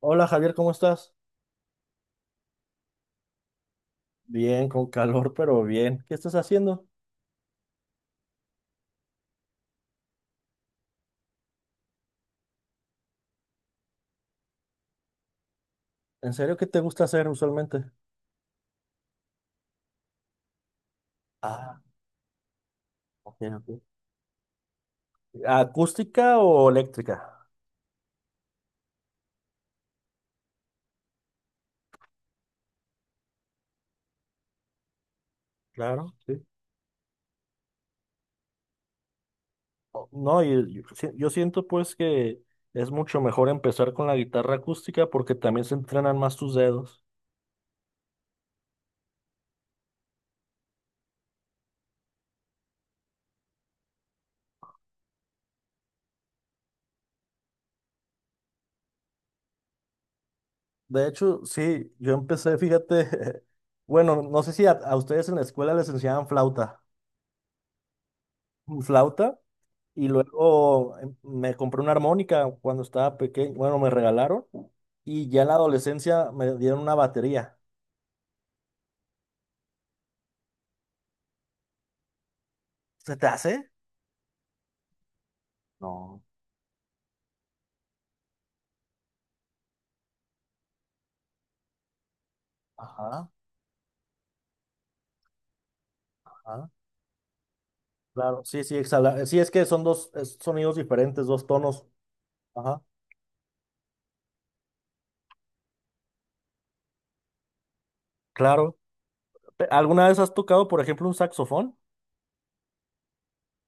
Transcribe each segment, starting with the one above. Hola Javier, ¿cómo estás? Bien, con calor, pero bien. ¿Qué estás haciendo? ¿En serio qué te gusta hacer usualmente? Ah, ok, ok. ¿Acústica o eléctrica? Claro, sí. No, yo, yo siento pues que es mucho mejor empezar con la guitarra acústica porque también se entrenan más tus dedos. De hecho, sí, yo empecé, fíjate, bueno, no sé si a ustedes en la escuela les enseñaban flauta. ¿Flauta? Y luego me compré una armónica cuando estaba pequeño, bueno, me regalaron, y ya en la adolescencia me dieron una batería. ¿Se te hace? No. Ajá, ajá. Claro, sí, sí, exhala. Sí, es que son dos sonidos diferentes, dos tonos. Ajá, claro. ¿Alguna vez has tocado, por ejemplo, un saxofón?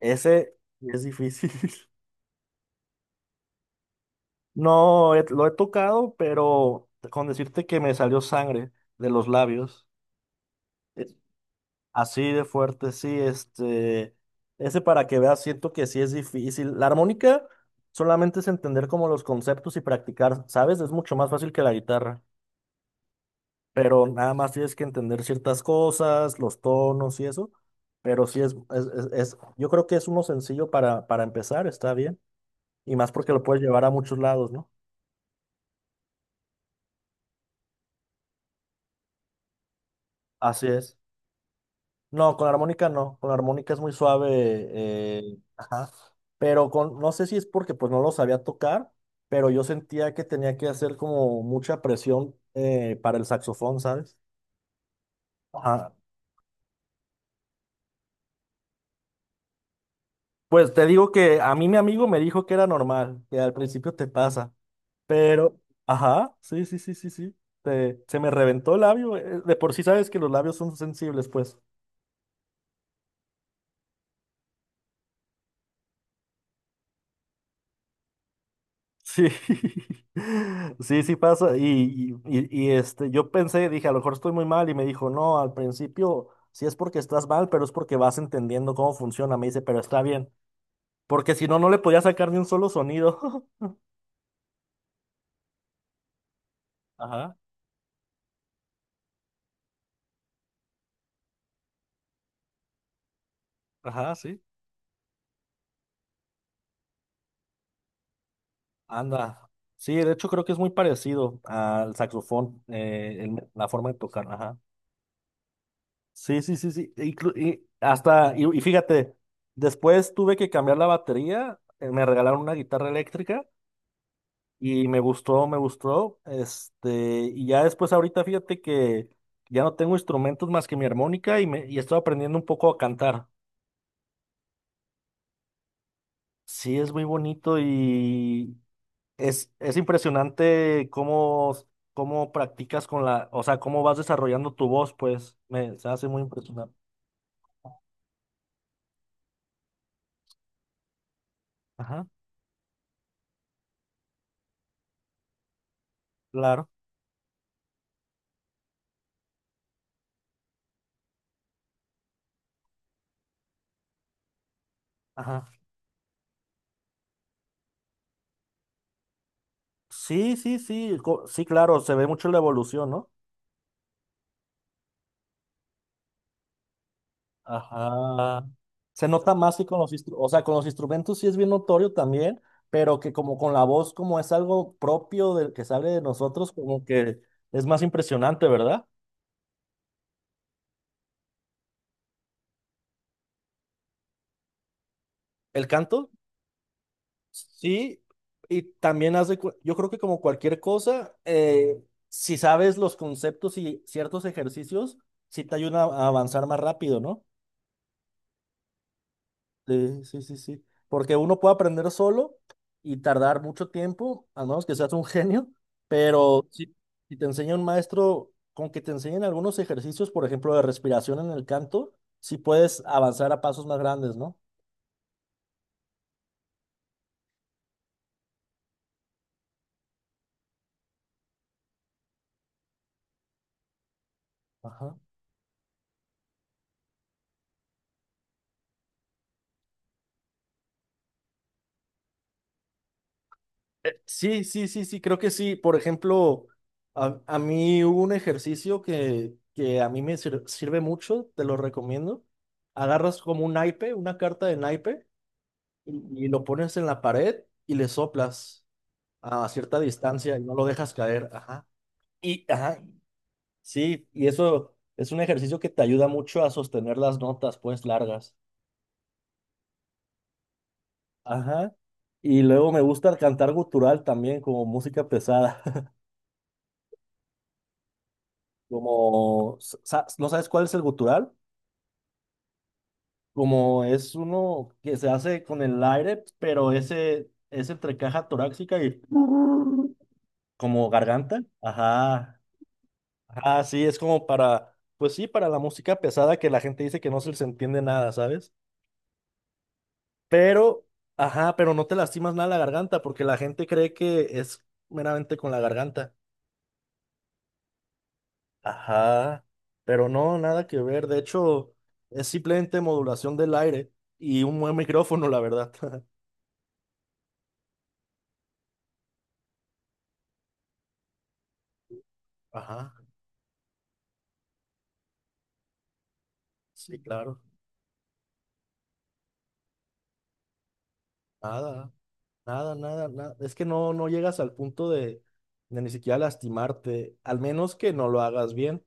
Ese es difícil. No, lo he tocado, pero con decirte que me salió sangre de los labios. eh, Así de fuerte, sí, ese para que veas, siento que sí es difícil. La armónica solamente es entender como los conceptos y practicar, ¿sabes? Es mucho más fácil que la guitarra, pero nada más tienes que entender ciertas cosas, los tonos y eso, pero sí yo creo que es uno sencillo para empezar, está bien, y más porque lo puedes llevar a muchos lados, ¿no? Así es. No, con la armónica no, con la armónica es muy suave, ajá, pero con, no sé si es porque pues no lo sabía tocar, pero yo sentía que tenía que hacer como mucha presión para el saxofón, ¿sabes? Ajá. Pues te digo que a mí mi amigo me dijo que era normal, que al principio te pasa, pero, ajá, sí, sí, sí, sí, sí, se me reventó el labio, de por sí sabes que los labios son sensibles, pues. Sí, sí, sí pasa. Yo pensé, dije, a lo mejor estoy muy mal. Y me dijo, no, al principio sí es porque estás mal, pero es porque vas entendiendo cómo funciona. Me dice, pero está bien. Porque si no, no le podía sacar ni un solo sonido. Ajá, ajá, sí. Anda. Sí, de hecho creo que es muy parecido al saxofón, la forma de tocar. Ajá. Sí, sí, sí, sí. Y hasta, y fíjate, después tuve que cambiar la batería, me regalaron una guitarra eléctrica. Y me gustó, me gustó. Y ya después ahorita fíjate que ya no tengo instrumentos más que mi armónica y estoy aprendiendo un poco a cantar. Sí, es muy bonito, y es impresionante cómo, cómo practicas con la, o sea, cómo vas desarrollando tu voz, pues me se hace muy impresionante. Ajá, claro, ajá. Sí, sí, sí, sí, claro, se ve mucho la evolución, ¿no? Ajá. Se nota más que con los instrumentos, o sea, con los instrumentos sí es bien notorio también, pero que como con la voz, como es algo propio del que sale de nosotros, como que es más impresionante, ¿verdad? El canto, sí, y también hace, yo creo que como cualquier cosa, si sabes los conceptos y ciertos ejercicios, sí te ayuda a avanzar más rápido, ¿no? Sí, sí, sí, sí. Porque uno puede aprender solo y tardar mucho tiempo, a menos que seas un genio, pero si, si te enseña un maestro, con que te enseñen algunos ejercicios, por ejemplo, de respiración en el canto, sí puedes avanzar a pasos más grandes, ¿no? Ajá. Sí, sí, sí, sí, creo que sí. Por ejemplo, a mí hubo un ejercicio que a mí me sirve mucho, te lo recomiendo. Agarras como un naipe, una carta de naipe, y lo pones en la pared y le soplas a cierta distancia y no lo dejas caer. Ajá. Y, ajá, sí, y eso es un ejercicio que te ayuda mucho a sostener las notas, pues, largas. Ajá. Y luego me gusta el cantar gutural también, como música pesada. Como, ¿no sabes cuál es el gutural? Como es uno que se hace con el aire, pero ese es entre caja torácica y como garganta. Ajá. Ah, sí, es como para, pues sí, para la música pesada que la gente dice que no se les entiende nada, ¿sabes? Pero, ajá, pero no te lastimas nada la garganta porque la gente cree que es meramente con la garganta. Ajá, pero no, nada que ver. De hecho, es simplemente modulación del aire y un buen micrófono, la verdad. Ajá, sí, claro. Nada, nada, nada. Es que no, no llegas al punto de ni siquiera lastimarte, al menos que no lo hagas bien.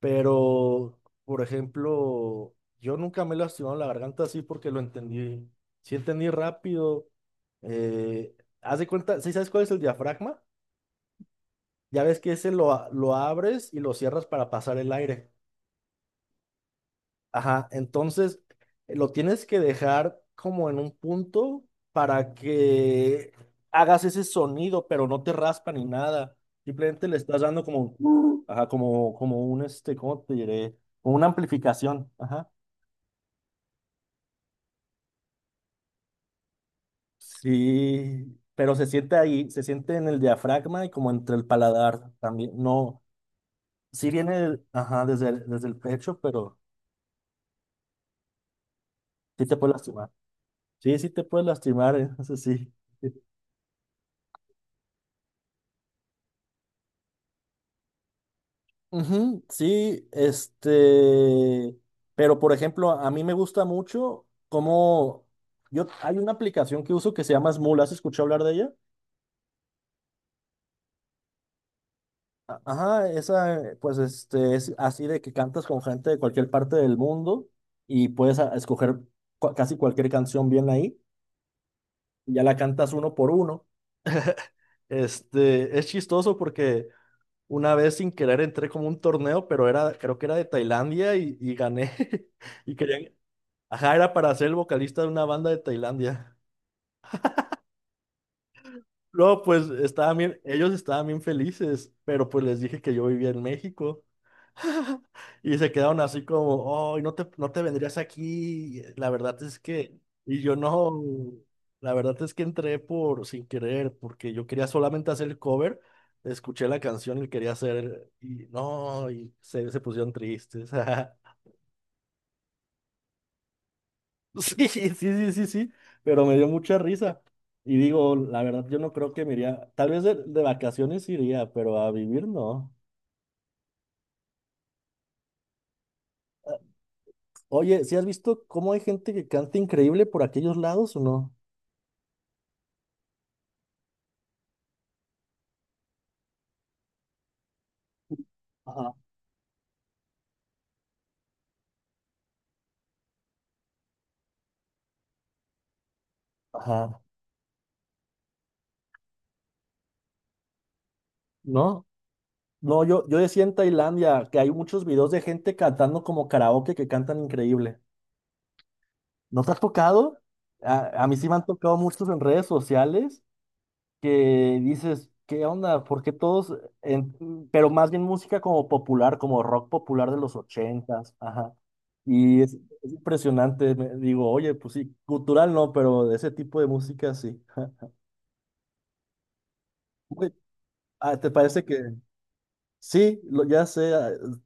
Pero, por ejemplo, yo nunca me he lastimado la garganta así porque lo entendí. Sí entendí rápido. Eh, Haz de cuenta, ¿sí sabes cuál es el diafragma? Ya ves que ese lo abres y lo cierras para pasar el aire. Ajá, entonces lo tienes que dejar como en un punto para que hagas ese sonido, pero no te raspa ni nada. Simplemente le estás dando como, ajá, como, como un, ¿cómo te diré? Como una amplificación. Ajá. Sí, pero se siente ahí, se siente en el diafragma y como entre el paladar también. No, sí viene, ajá, desde el pecho, pero sí te puede lastimar. Sí, sí te puede lastimar, ¿eh? Eso sí. Ujú, sí, pero por ejemplo, a mí me gusta mucho cómo yo, hay una aplicación que uso que se llama Smule, ¿has escuchado hablar de ella? Ajá, esa, pues es así de que cantas con gente de cualquier parte del mundo y puedes escoger casi cualquier canción bien ahí, y ya la cantas uno por uno. Este, es chistoso porque una vez sin querer entré como un torneo, pero era, creo que era de Tailandia, y gané. Y querían, ajá, era para ser el vocalista de una banda de Tailandia. No, pues estaban bien, ellos estaban bien felices, pero pues les dije que yo vivía en México. Y se quedaron así como, ay, no te, no te vendrías aquí. La verdad es que, yo no, la verdad es que entré por sin querer, porque yo quería solamente hacer el cover, escuché la canción y quería hacer, y no, se pusieron tristes. Sí, sí, sí, sí, sí, pero me dio mucha risa. Y digo, la verdad, yo no creo que me iría, tal vez de vacaciones iría, pero a vivir no. Oye, ¿sí has visto cómo hay gente que canta increíble por aquellos lados o no? Ajá. No, no, yo decía en Tailandia que hay muchos videos de gente cantando como karaoke que cantan increíble. ¿No te has tocado? A mí sí me han tocado muchos en redes sociales que dices, ¿qué onda? ¿Por qué todos? Pero más bien música como popular, como rock popular de los ochentas, ajá. Y es impresionante, digo, oye, pues sí, cultural no, pero de ese tipo de música sí. Uy, ah, ¿te parece que sí? Lo, ya sé, ah,